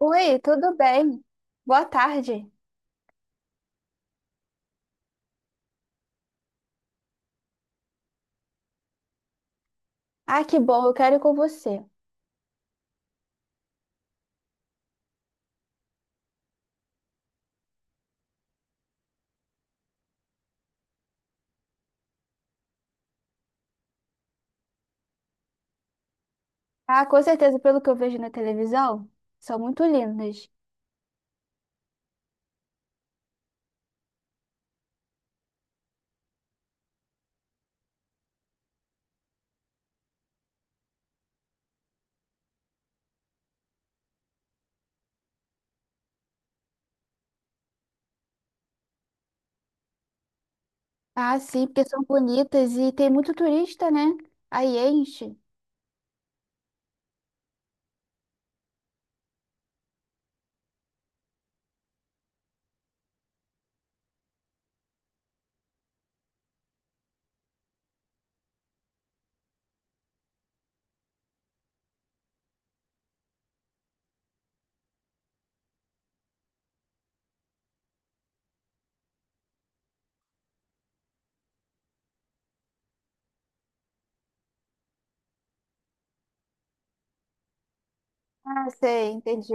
Oi, tudo bem? Boa tarde. Ah, que bom, eu quero ir com você. Ah, com certeza, pelo que eu vejo na televisão, são muito lindas. Ah, sim, porque são bonitas e tem muito turista, né? Aí enche. Ah, sei, entendi.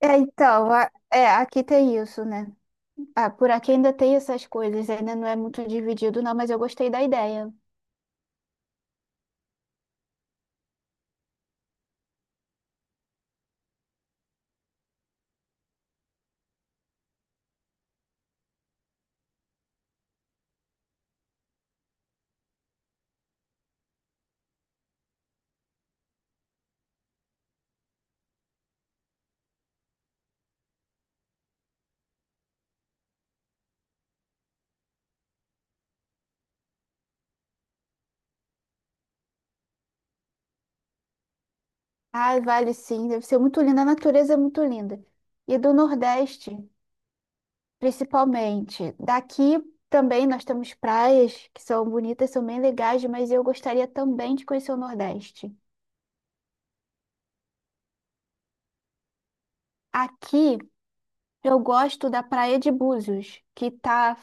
É, então, é, aqui tem isso, né? Ah, por aqui ainda tem essas coisas, ainda não é muito dividido, não, mas eu gostei da ideia. Ah, vale sim, deve ser muito linda, a natureza é muito linda. E do Nordeste. Principalmente. Daqui também nós temos praias que são bonitas, são bem legais, mas eu gostaria também de conhecer o Nordeste. Aqui eu gosto da Praia de Búzios, que está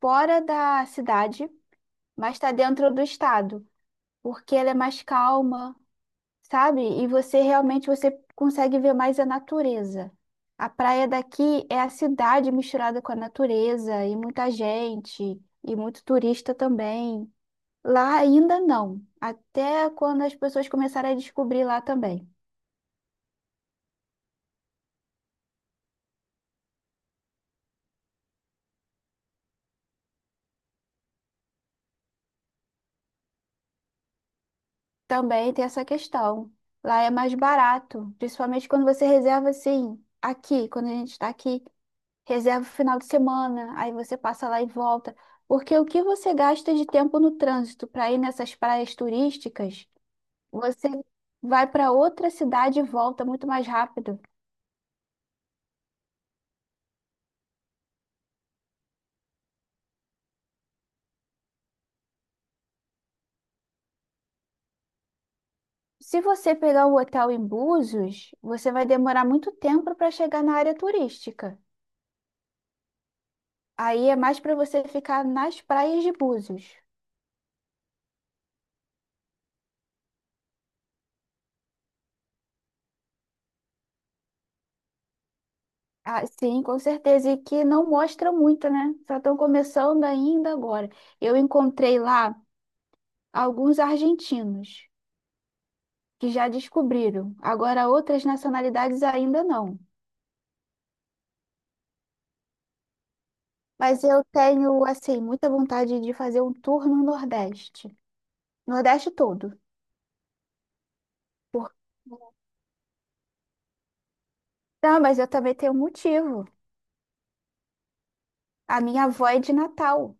fora da cidade, mas está dentro do estado, porque ela é mais calma, sabe? E você realmente você consegue ver mais a natureza. A praia daqui é a cidade misturada com a natureza e muita gente e muito turista também. Lá ainda não, até quando as pessoas começarem a descobrir lá também. Também tem essa questão. Lá é mais barato, principalmente quando você reserva assim, aqui, quando a gente está aqui, reserva o final de semana, aí você passa lá e volta. Porque o que você gasta de tempo no trânsito para ir nessas praias turísticas, você vai para outra cidade e volta muito mais rápido. Se você pegar um hotel em Búzios, você vai demorar muito tempo para chegar na área turística. Aí é mais para você ficar nas praias de Búzios. Ah, sim, com certeza. E que não mostra muito, né? Só estão começando ainda agora. Eu encontrei lá alguns argentinos que já descobriram. Agora, outras nacionalidades ainda não. Mas eu tenho, assim, muita vontade de fazer um tour no Nordeste. Nordeste todo. Por- Não, mas eu também tenho um motivo. A minha avó é de Natal.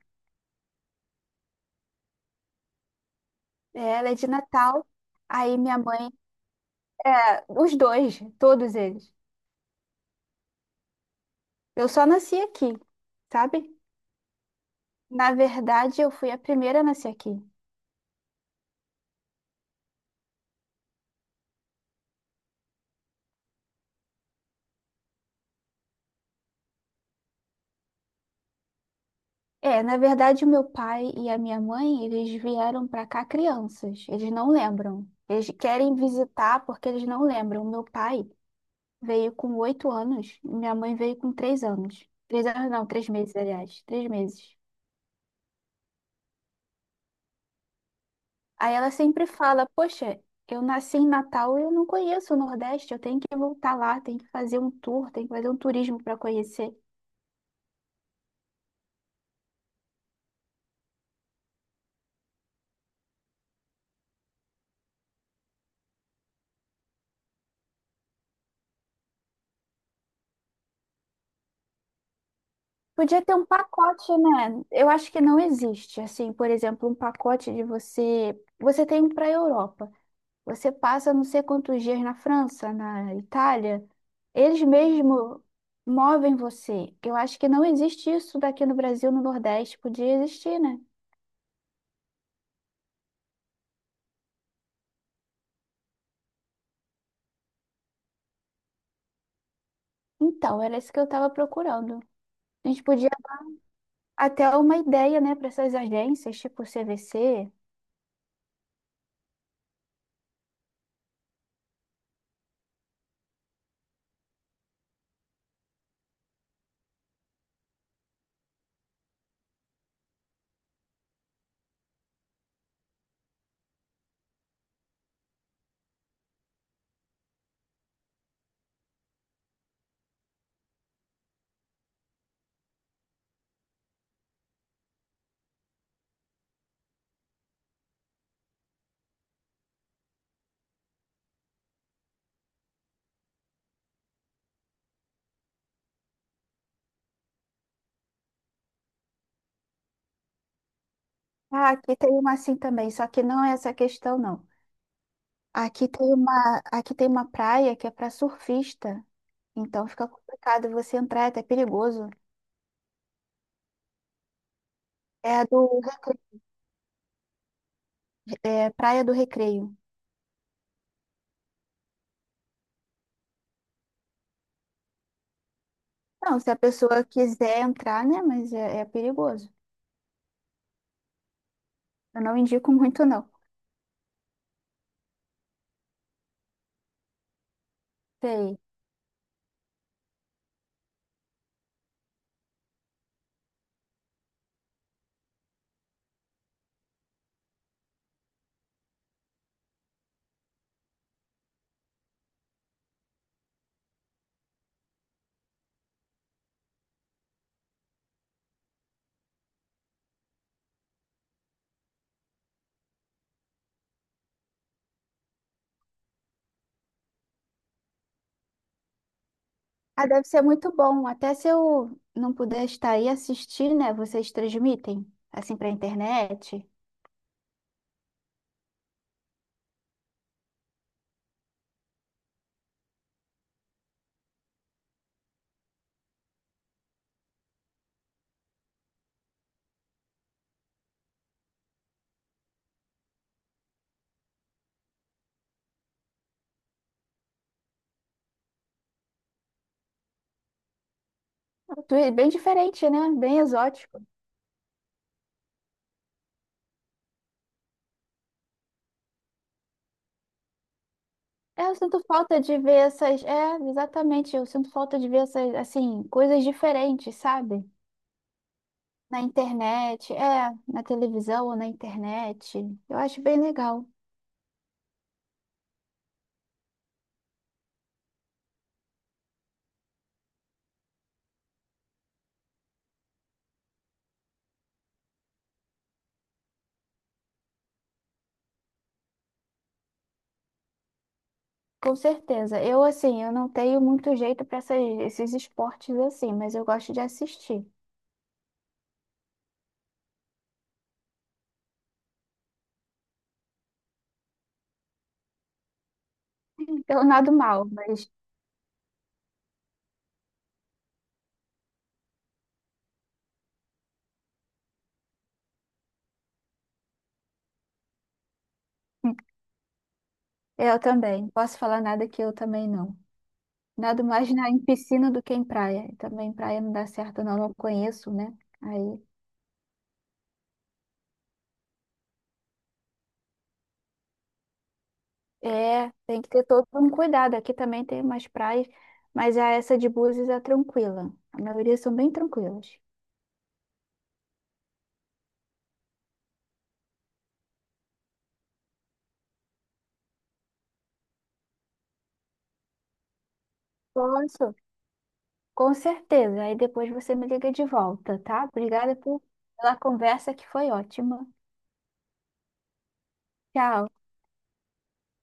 É, ela é de Natal. Aí minha mãe, é, os dois, todos eles. Eu só nasci aqui, sabe? Na verdade, eu fui a primeira a nascer aqui. É, na verdade, o meu pai e a minha mãe, eles vieram pra cá crianças. Eles não lembram. Eles querem visitar porque eles não lembram. Meu pai veio com 8 anos, minha mãe veio com 3 anos. 3 anos não, 3 meses, aliás. 3 meses. Aí ela sempre fala: "Poxa, eu nasci em Natal e eu não conheço o Nordeste, eu tenho que voltar lá, tenho que fazer um tour, tenho que fazer um turismo para conhecer." Podia ter um pacote, né? Eu acho que não existe, assim, por exemplo, um pacote de você. Você tem para a Europa, você passa não sei quantos dias na França, na Itália, eles mesmo movem você. Eu acho que não existe isso daqui no Brasil, no Nordeste, podia existir, né? Então, era isso que eu estava procurando. A gente podia até uma ideia, né, para essas agências, tipo CVC. Ah, aqui tem uma assim também, só que não é essa questão, não. Aqui tem uma praia que é para surfista, então fica complicado você entrar, é até perigoso. É a do, é Praia do Recreio. Não, se a pessoa quiser entrar, né, mas é perigoso. Eu não indico muito, não. Sei. Ah, deve ser muito bom. Até se eu não puder estar aí assistir, né, vocês transmitem, assim, para internet. Bem diferente, né? Bem exótico. É, eu sinto falta de ver essas. É, exatamente. Eu sinto falta de ver essas, assim, coisas diferentes, sabe? Na internet, é, na televisão ou na internet. Eu acho bem legal. Com certeza. Eu, assim, eu não tenho muito jeito para esses esportes assim, mas eu gosto de assistir. Eu nado mal, mas eu também. Não posso falar nada que eu também não. Nado mais na, em piscina do que em praia. E também praia não dá certo, não. Não conheço, né? Aí. É, tem que ter todo um cuidado. Aqui também tem umas praias, mas a essa de Búzios é tranquila. A maioria são bem tranquilas. Posso? Com certeza. Aí depois você me liga de volta, tá? Obrigada pela conversa que foi ótima. Tchau.